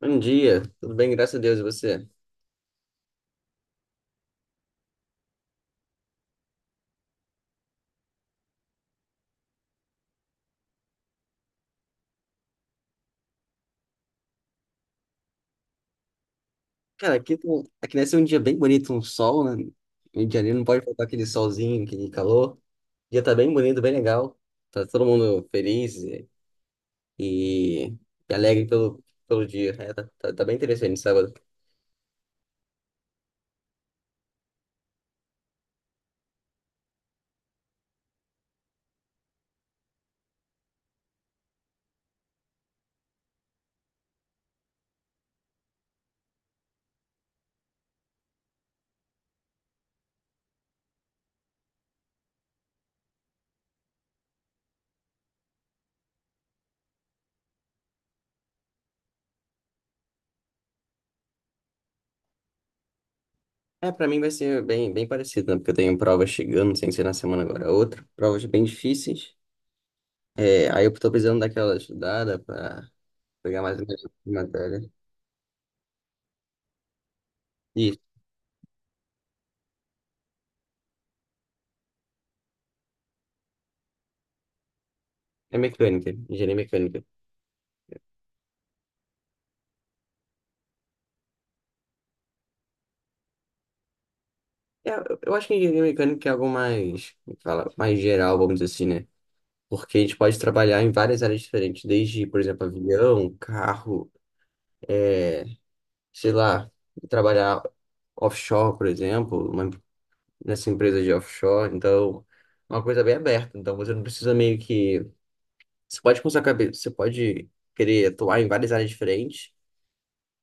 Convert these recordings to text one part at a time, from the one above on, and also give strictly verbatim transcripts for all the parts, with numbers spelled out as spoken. Bom dia, tudo bem? Graças a Deus, e você? Cara, aqui, tá- um, aqui deve ser um dia bem bonito, um sol, né? Rio de Janeiro não pode faltar aquele solzinho, aquele calor. O dia tá bem bonito, bem legal. Tá todo mundo feliz e, e alegre pelo, pelo dia. É, tá, tá, tá bem interessante sábado. É, pra mim vai ser bem, bem parecido, né? Porque eu tenho provas chegando, sem ser na semana agora é outra. Provas bem difíceis. É, aí eu tô precisando daquela estudada pra pegar mais uma matéria. Isso, é mecânica, engenharia mecânica. É, eu acho que engenharia mecânica é algo mais, como fala, mais geral, vamos dizer assim, né? Porque a gente pode trabalhar em várias áreas diferentes, desde, por exemplo, avião, carro, sei lá, trabalhar offshore, por exemplo, uma- nessa empresa de offshore. Então, é uma coisa bem aberta. Então, você não precisa meio que. Você pode com sua cabeça, você pode querer atuar em várias áreas diferentes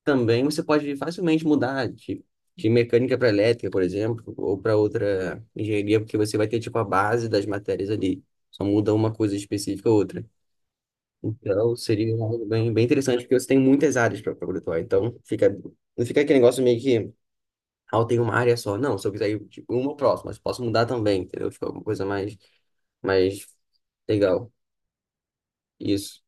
também você pode facilmente mudar de, de, mecânica para elétrica, por exemplo, ou para outra engenharia, porque você vai ter tipo a base das matérias ali. Só muda uma coisa específica ou outra. Então, seria algo bem, bem interessante, porque você tem muitas áreas para poder atuar. Então, fica, não fica aquele negócio meio que, ah, eu tenho uma área só. Não, se eu quiser ir tipo, uma ou próxima, mas posso mudar também, entendeu? Fica alguma coisa mais, mais, legal. Isso.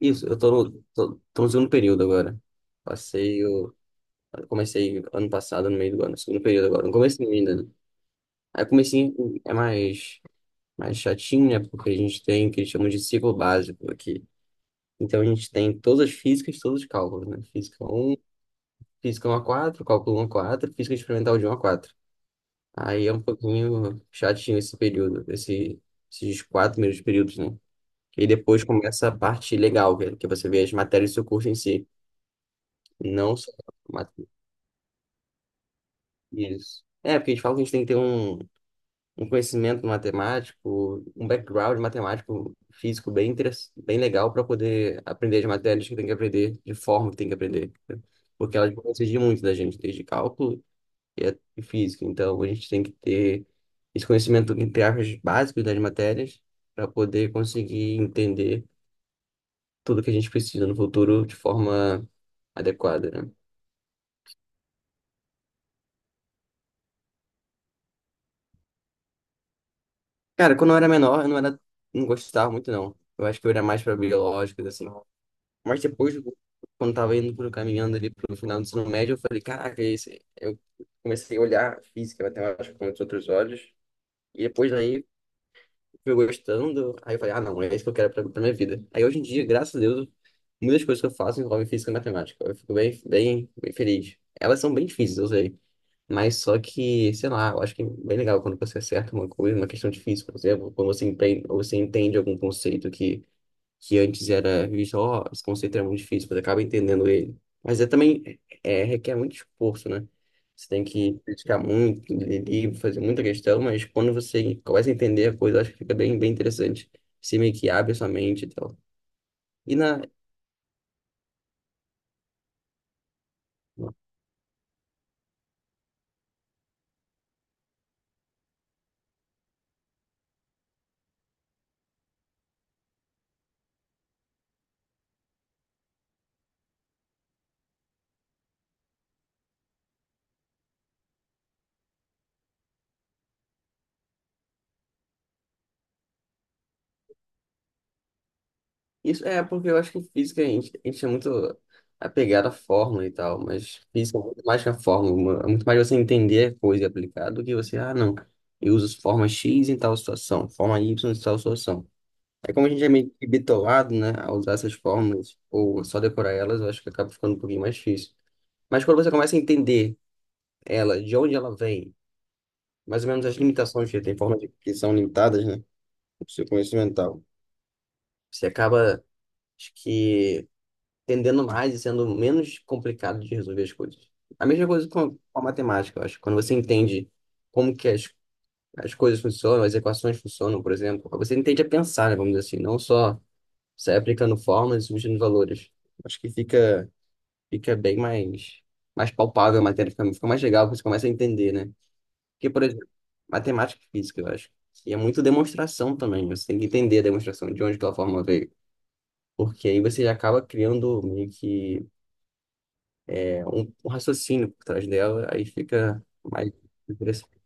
Isso, eu tô no, tô, tô no segundo período agora. Passei Eu comecei ano passado, no meio do ano, segundo período agora. Não comecei ainda, né? Aí comecei é mais, mais chatinho, né? Porque a gente tem o que eles chamam de ciclo básico aqui. Então a gente tem todas as físicas, todos os cálculos, né? Física um física um a quatro, cálculo um a quatro, física experimental de um a quatro. Aí é um pouquinho chatinho esse período, esse, esses quatro primeiros períodos, né? E depois começa a parte legal, que é que você vê as matérias do seu curso em si, não só a matéria. Isso. É, porque eles falam que a gente tem que ter um, um conhecimento matemático, um background matemático, físico bem interess- bem legal para poder aprender as matérias que tem que aprender, de forma que tem que aprender, né? Porque elas vão exigir muito da gente, desde cálculo e a- e física. Então, a gente tem que ter esse conhecimento, entre aspas, básico das matérias para poder conseguir entender tudo que a gente precisa no futuro de forma adequada, né? Cara, quando eu era menor, eu não era, não gostava muito, não. Eu acho que eu era mais para biológicas, assim. Mas depois, quando tava indo pro caminhando ali pro final do ensino médio, eu falei, caraca, esse... eu comecei a olhar física, matemática com outros outros olhos. E depois aí fui gostando. Aí eu falei, ah, não, é isso que eu quero pra, pra minha vida. Aí hoje em dia, graças a Deus, muitas coisas que eu faço envolvem física e matemática. Eu fico bem, bem, bem feliz. Elas são bem difíceis, eu sei. Mas só que, sei lá, eu acho que é bem legal quando você acerta uma coisa, uma questão difícil, por exemplo, quando você empre- ou você entende algum conceito que que antes era visto, ó, esse conceito é muito difícil, você acaba entendendo ele. Mas é também, é, requer muito esforço, né? Você tem que criticar muito, ler livro, fazer muita questão, mas quando você começa a entender a coisa, eu acho que fica bem, bem interessante. Você meio que abre a sua mente e tal. E na, isso é porque eu acho que física a gente, a gente é muito apegado à fórmula e tal, mas física é muito mais que a fórmula, é muito mais você entender a coisa e aplicar do que você, ah, não, eu uso forma X em tal situação, forma Y em tal situação. É como a gente é meio que bitolado, né, a usar essas fórmulas ou só decorar elas, eu acho que acaba ficando um pouquinho mais difícil. Mas quando você começa a entender ela, de onde ela vem, mais ou menos as limitações que tem formas de- que são limitadas, né, do seu conhecimento mental, você acaba, acho que, entendendo mais e sendo menos complicado de resolver as coisas. A mesma coisa com com a matemática, eu acho. Quando você entende como que as, as coisas funcionam, as equações funcionam, por exemplo, você entende a pensar, né, vamos dizer assim, não só você aplicando fórmulas e substituindo valores. Acho que fica, fica bem mais, mais palpável a matéria, fica, fica mais legal, porque você começa a entender, né? Porque, por exemplo, matemática e física, eu acho. E é muito demonstração também, você tem que entender a demonstração, de onde aquela fórmula veio. Porque aí você já acaba criando meio que é, um, um raciocínio por trás dela, aí fica mais interessante.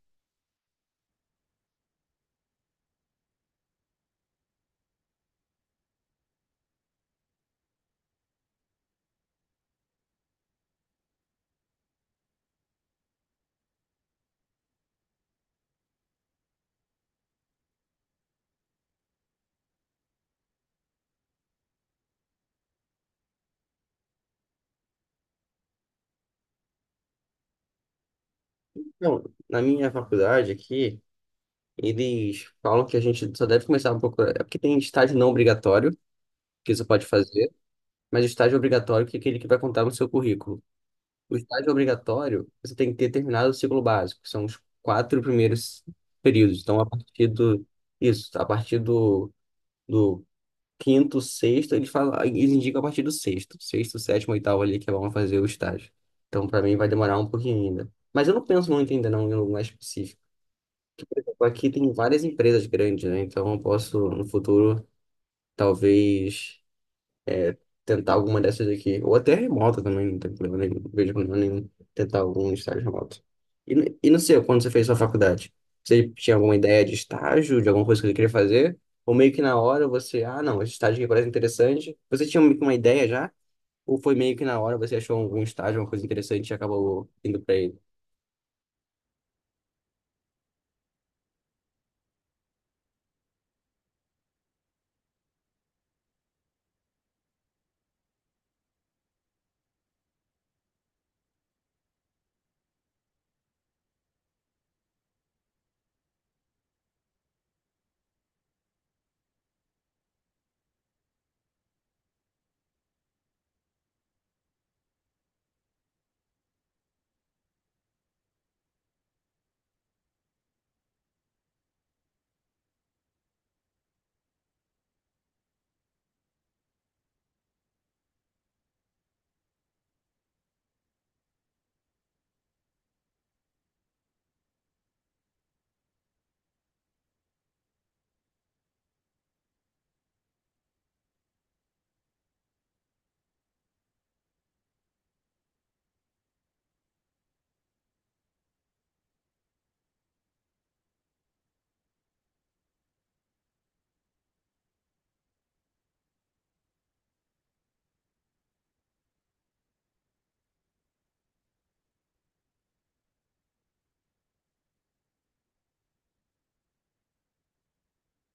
Então, na minha faculdade aqui, eles falam que a gente só deve começar um pouco. É porque tem estágio não obrigatório, que você pode fazer. Mas o estágio obrigatório, que é aquele que vai contar no seu currículo. O estágio obrigatório, você tem que ter terminado o ciclo básico, que são os quatro primeiros períodos. Então, a partir do, isso, a partir do, do quinto, sexto, eles falam, eles indicam a partir do sexto, sexto, sétimo, oitavo ali que vão fazer o estágio. Então, para mim, vai demorar um pouquinho ainda. Mas eu não penso muito ainda não, em lugar específico. Aqui tem várias empresas grandes, né? Então, eu posso, no futuro, talvez tentar alguma dessas aqui, ou até remota também, não tem problema nenhum, não vejo problema nenhum tentar algum estágio remoto. E, no- e não sei, quando você fez sua faculdade, você tinha alguma ideia de estágio, de alguma coisa que você queria fazer? Ou meio que na hora você, ah, não, esse estágio aqui parece interessante. Você tinha meio que uma ideia já? Ou foi meio que na hora você achou algum estágio, uma coisa interessante e acabou indo pra ele?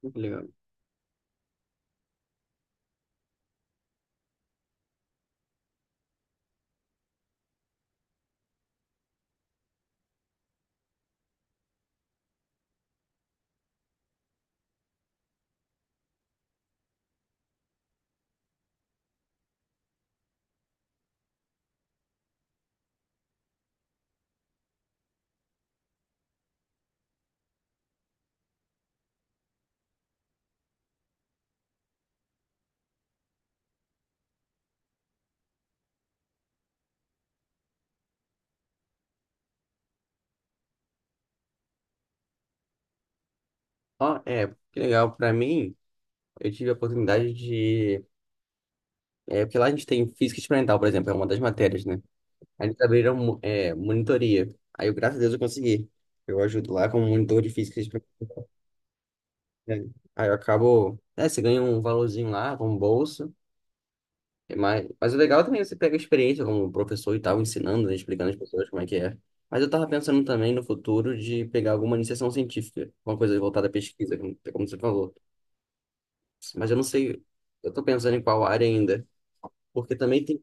Que legal. Ó, é, que legal. Pra mim, eu tive a oportunidade de. É, porque lá a gente tem física experimental, por exemplo, é uma das matérias, né? Aí eles abriram mo- é, monitoria. Aí eu, graças a Deus, eu consegui. Eu ajudo lá como monitor de física. De Aí eu acabo. É, você ganha um valorzinho lá, como bolsa. É mais- Mas o legal também é também você pega a experiência como professor e tal, ensinando, né, explicando às pessoas como é que é. Mas eu tava pensando também no futuro de pegar alguma iniciação científica, uma coisa voltada à pesquisa, como como você falou. Mas eu não sei, eu tô pensando em qual área ainda. Porque também tem.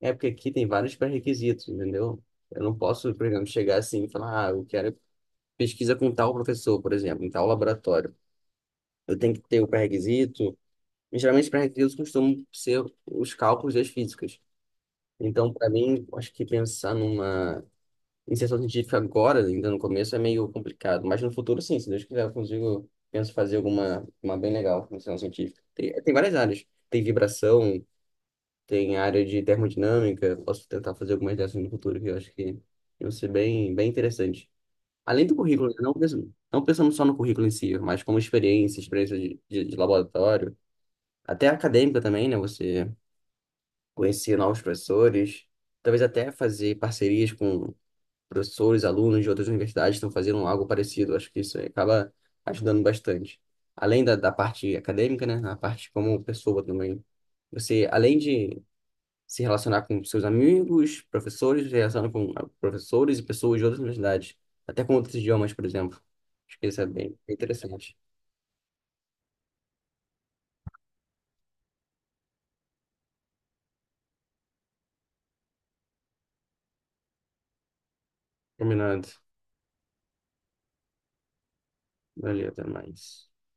É porque aqui tem vários pré-requisitos, entendeu? Eu não posso, por exemplo, chegar assim e falar, ah, eu quero pesquisa com tal professor, por exemplo, em tal laboratório. Eu tenho que ter o pré-requisito. E, geralmente, os pré-requisitos costumam ser os cálculos das físicas. Então, para mim, eu acho que pensar numa iniciação científica agora, ainda no começo, é meio complicado. Mas no futuro, sim, se Deus quiser, eu consigo, penso fazer alguma uma bem legal, iniciação científica. Tem, tem várias áreas. Tem vibração, tem área de termodinâmica. Posso tentar fazer algumas dessas no futuro, que eu acho que vão ser bem, bem interessantes. Além do currículo, né, não pensando, não pensando só no currículo em si, mas como experiência, experiência, de, de, de laboratório, até acadêmica também, né? Você conhecer novos professores, talvez até fazer parcerias com professores, alunos de outras universidades que estão fazendo algo parecido. Acho que isso acaba ajudando bastante. Além da, da parte acadêmica, né? A parte como pessoa também. Você, além de se relacionar com seus amigos, professores, se relacionar com ah, professores e pessoas de outras universidades, até com outros idiomas, por exemplo. Acho que isso é bem bem interessante. Combinado. Valeu, até mais.